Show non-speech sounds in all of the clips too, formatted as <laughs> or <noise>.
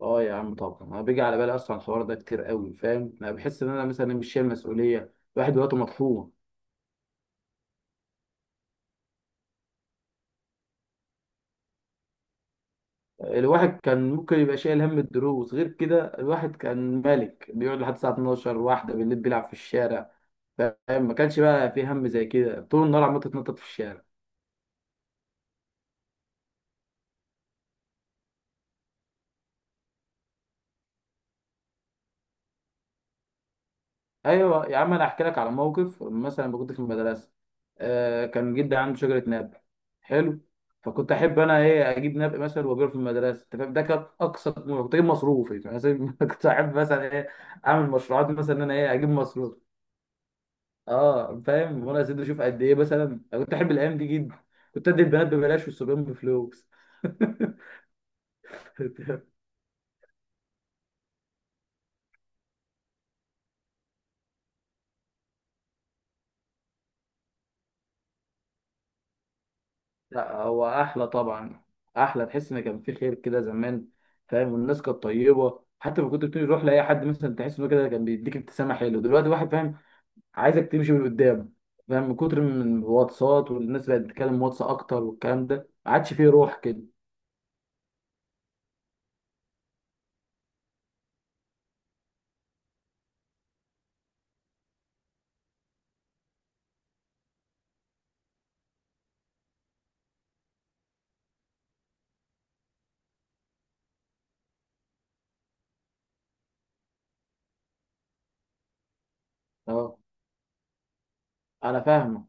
اه يا عم، طبعا انا بيجي على بالي اصلا الحوار ده كتير قوي. فاهم، انا بحس ان انا مثلا مش شايل مسؤوليه. الواحد دلوقتي مطحون. الواحد كان ممكن يبقى شايل هم الدروس، غير كده الواحد كان ملك، بيقعد لحد الساعه 12 واحده بالليل بيلعب في الشارع. فاهم، ما كانش بقى في هم زي كده، طول النهار عمال تتنطط في الشارع. ايوه يا عم، انا احكي لك على موقف مثلا لما كنت في المدرسه. كان جدي عنده شجره ناب. حلو. فكنت احب انا ايه اجيب ناب مثلا وابيعه في المدرسه. انت فاهم، ده كان اقصى طموحي، كنت اجيب مصروفي مثلا. <laughs> كنت احب مثلا ايه اعمل مشروعات، مثلا ان انا ايه اجيب مصروف. اه فاهم، وانا يا سيدي اشوف قد ايه مثلا. أنا كنت احب الايام دي جدا. كنت ادي البنات ببلاش والصبيان بفلوس. <laughs> لا، هو احلى طبعا. احلى، تحس ان كان في خير كده زمان. فاهم، والناس كانت طيبه، حتى لما كنت بتروح لاي حد مثلا تحس انه كده كان بيديك ابتسامه حلوه. دلوقتي واحد، فاهم، عايزك تمشي من قدام. فاهم، من كتر من الواتساب والناس بقت بتتكلم واتس اكتر، والكلام ده ما عادش فيه روح كده. اه، انا فاهمك.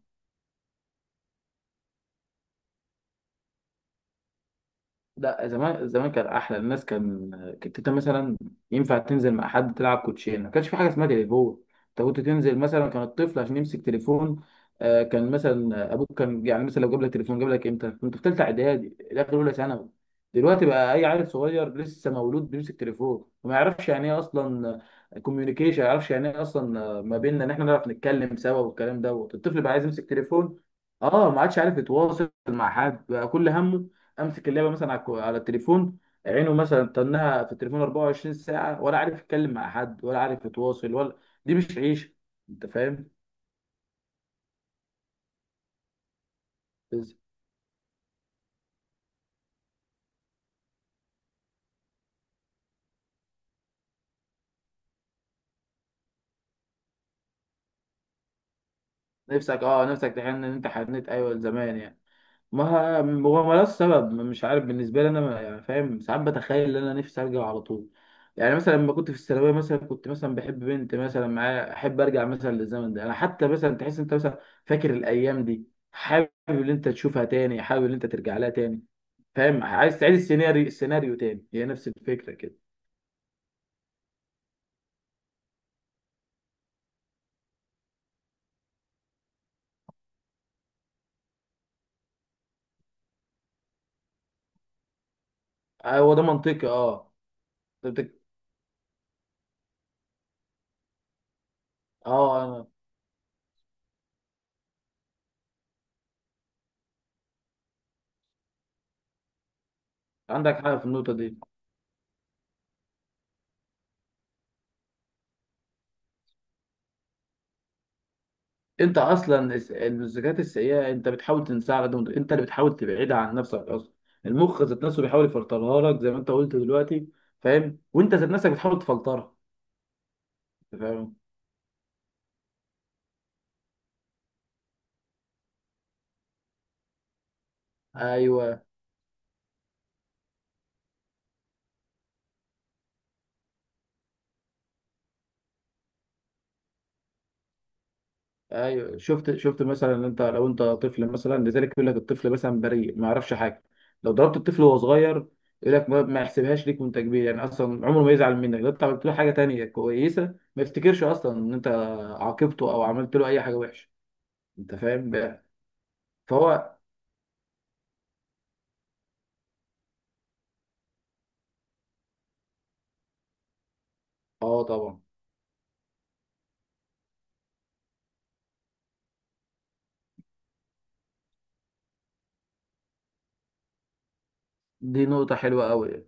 لا، زمان زمان كان احلى. الناس كان، كنت انت مثلا ينفع تنزل مع حد تلعب كوتشينه، ما كانش في حاجه اسمها تليفون. انت كنت تنزل مثلا، كان الطفل عشان يمسك تليفون. كان مثلا ابوك كان يعني مثلا لو جاب لك تليفون، جاب لك امتى؟ كنت في ثالثه اعدادي داخل اولى ثانوي. دلوقتي بقى اي عيل صغير لسه مولود بيمسك تليفون، وما يعرفش يعني ايه اصلا كوميونيكيشن، ما يعرفش يعني ايه اصلا. ما بيننا ان احنا نعرف نتكلم سوا، والكلام دوت الطفل بقى عايز يمسك تليفون. اه، ما عادش عارف يتواصل مع حد، بقى كل همه امسك اللعبه مثلا على على التليفون. عينه مثلا تنها في التليفون 24 ساعه، ولا عارف يتكلم مع حد، ولا عارف يتواصل، ولا، دي مش عيشه. انت فاهم. بس. نفسك تحن، ان انت حنيت ايوه زمان يعني. ما هو ملوش سبب، مش عارف بالنسبه لي انا، يعني فاهم، ساعات بتخيل ان انا نفسي ارجع على طول. يعني مثلا لما كنت في الثانويه مثلا، كنت مثلا بحب بنت مثلا معايا، احب ارجع مثلا للزمن ده. انا حتى مثلا تحس انت مثلا فاكر الايام دي، حابب ان انت تشوفها تاني، حابب ان انت ترجع لها تاني. فاهم، عايز تعيد السيناريو، تاني. هي نفس الفكره كده. آه، هو ده منطقي، اه. أنت بتك... اه أنا- عندك حق في النقطه دي. انت اصلا الذكريات السيئه انت بتحاول تنساها على قد ما تقدر. انت اللي بتحاول تبعدها عن نفسك اصلا. المخ ذات نفسه بيحاول يفلترها لك زي ما انت قلت دلوقتي. فاهم، وانت ذات نفسك بتحاول تفلترها. أنت فاهم. ايوه ايوه، شفت مثلا إن انت، لو انت طفل مثلا، لذلك يقول لك الطفل مثلا بريء ما يعرفش حاجه. لو ضربت الطفل وهو صغير، يقول لك ما يحسبهاش ليك، وانت كبير يعني اصلا عمره ما يزعل منك. لو انت عملت له حاجه تانية كويسه، ما يفتكرش اصلا ان انت عاقبته او عملت له اي حاجه وحشه. انت فاهم بقى. فهو اه، طبعا. دي نقطه حلوه قوي.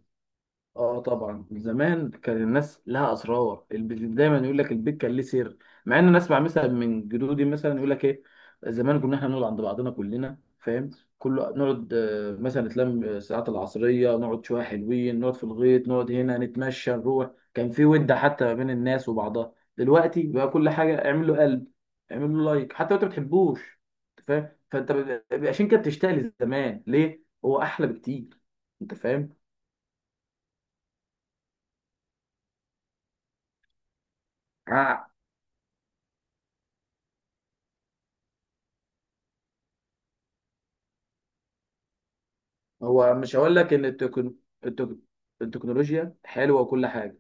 اه، طبعا زمان كان الناس لها اسرار، دايما يقول لك البيت كان ليه سر. مع ان انا اسمع مثلا من جدودي مثلا يقول لك ايه، زمان كنا احنا نقعد عند بعضنا كلنا، فاهم، كله نقعد مثلا نتلم الساعات العصريه، نقعد شويه حلوين، نقعد في الغيط، نقعد هنا، نتمشى نروح. كان في ود حتى ما بين الناس وبعضها. دلوقتي بقى كل حاجه اعمل له قلب، اعمل له لايك حتى لو انت ما بتحبوش. أنت فاهم، فانت عشان كده بتشتغل زمان ليه، هو احلى بكتير. انت فاهم. هو مش هقول لك ان التك... التكنولوجيا حلوه وكل حاجه.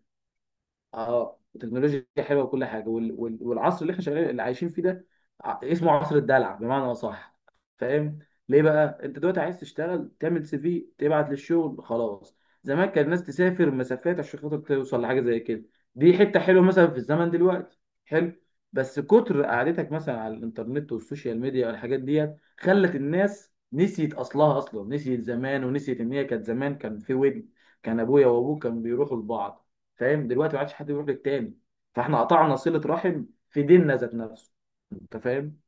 اه، التكنولوجيا حلوه وكل حاجه والعصر اللي احنا شغالين، اللي عايشين فيه ده، اسمه عصر الدلع بمعنى اصح. فاهم، ليه بقى انت دلوقتي عايز تشتغل تعمل سي في تبعت للشغل خلاص؟ زمان كان الناس تسافر مسافات عشان خاطر توصل لحاجه زي كده. دي حته حلوه مثلا في الزمن دلوقتي، حلو. بس كتر قعدتك مثلا على الانترنت والسوشيال ميديا والحاجات ديت خلت الناس نسيت اصلها اصلا، نسيت زمان، ونسيت ان هي كانت زمان كان في ود. كان ابويا وابوك كانوا بيروحوا لبعض. فاهم، دلوقتي ما عادش حد بيروح للتاني. فاحنا قطعنا صلة رحم في ديننا ذات نفسه. انت فاهم.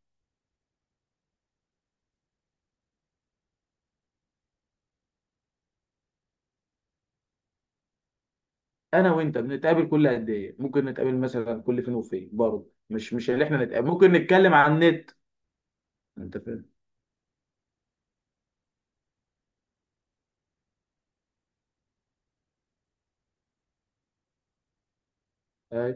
انا وانت بنتقابل كل قد ايه؟ ممكن نتقابل مثلا كل فين وفين، برضه مش مش اللي احنا نتقابل، ممكن نتكلم عن النت. انت فاهم، اي،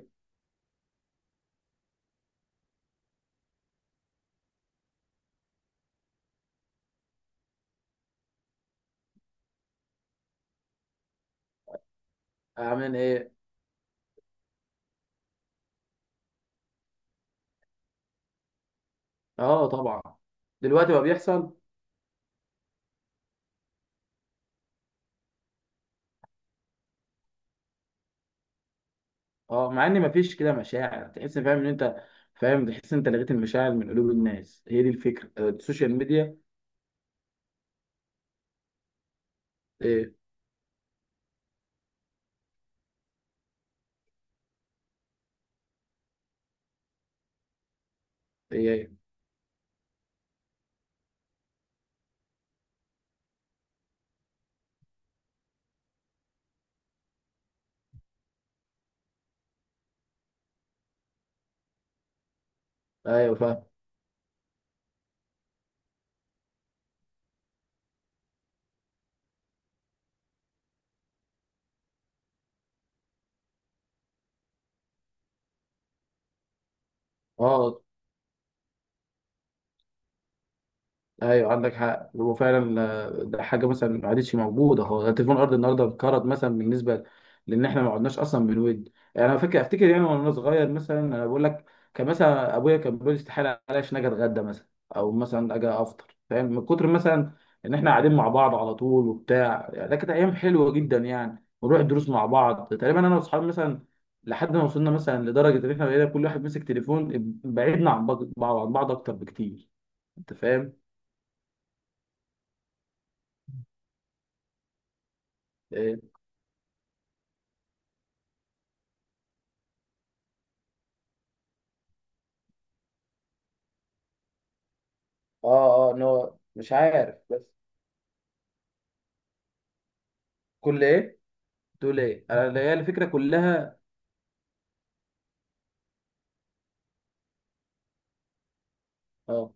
اعمل ايه. اه، طبعا دلوقتي بقى بيحصل. اه، مع ان مفيش كده مشاعر تحس. فاهم ان انت، فاهم، تحس ان انت لغيت المشاعر من قلوب الناس. هي دي الفكره، السوشيال ميديا. ايه، ايه، ايه، ايوه فاهم. اه، ايوه عندك حق، هو فعلا ده حاجه مثلا ما عادتش موجوده، هو تليفون الارض النهارده انقرض مثلا بالنسبه، لان احنا ما قعدناش اصلا بنود. يعني انا فاكر افتكر يعني وانا صغير مثلا، انا بقول لك، كان مثلا ابويا كان بيقول استحاله عليش ان اجي اتغدى مثلا، او مثلا اجي افطر، فاهم، من كتر مثلا ان احنا قاعدين مع بعض على طول وبتاع يعني. ده كانت ايام حلوه جدا يعني، ونروح الدروس مع بعض تقريبا انا واصحابي مثلا. لحد ما وصلنا مثلا لدرجه ان احنا بقينا كل واحد ماسك تليفون، بعيدنا عن بعض، عن بعض اكتر بكتير. انت فاهم. آه، اه، ان هو مش عارف، بس. كل ايه تقول ايه انا، هي الفكره كلها. اه،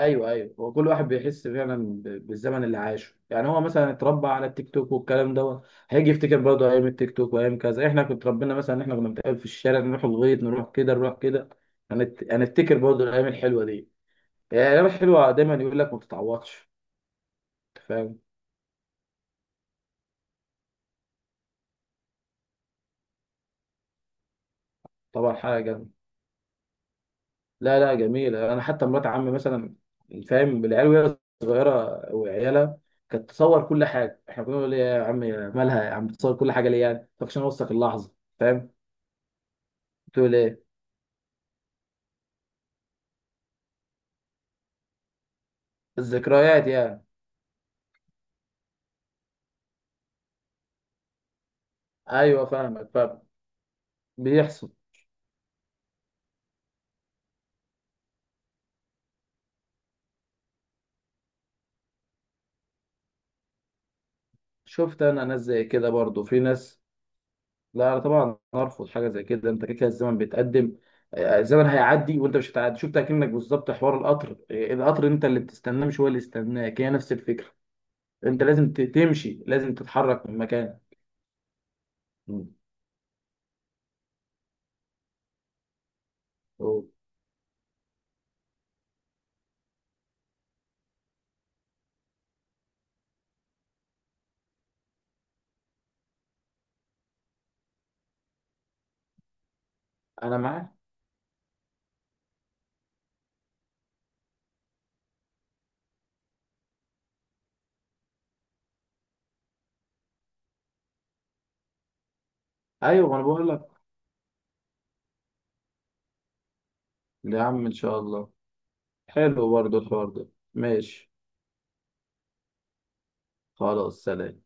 ايوه ايوه، هو كل واحد بيحس فعلا بالزمن اللي عاشه. يعني هو مثلا اتربى على التيك توك والكلام دوت، هيجي يفتكر برضه ايام التيك توك وايام كذا. احنا كنا اتربينا مثلا ان احنا كنا بنتقابل في الشارع، نروح الغيط، نروح كده نروح كده. هنفتكر برضه الايام الحلوه دي، يعني الايام الحلوه دايما يقول لك ما بتتعوضش. أنت فاهم. طبعا حاجه. لا، لا، جميلة. أنا حتى مرات عمي مثلا، فاهم، العيال وهي صغيرة وعيالها، كانت تصور كل حاجة. إحنا كنا بنقول إيه يا عم، مالها يا عم بتصور كل حاجة ليه؟ يعني طب عشان أوثق اللحظة. فاهم، بتقول إيه، الذكريات يعني. أيوه فاهمك فاهم، بيحصل. شفت، أنا ناس زي كده برضو في ناس. لا، أنا طبعا أرفض حاجة زي كده. أنت كده كده الزمن بيتقدم، الزمن هيعدي وأنت مش هتعدي. شفت، أكنك بالظبط حوار القطر، القطر أنت اللي بتستناه مش هو اللي يستناك، هي نفس الفكرة. انت لازم تمشي، لازم تتحرك من مكانك. مم. أوه. انا معاك. ايوه، ما انا بقول لك يا عم، ان شاء الله. حلو برضه الحوار ده. ماشي. خلاص، سلام.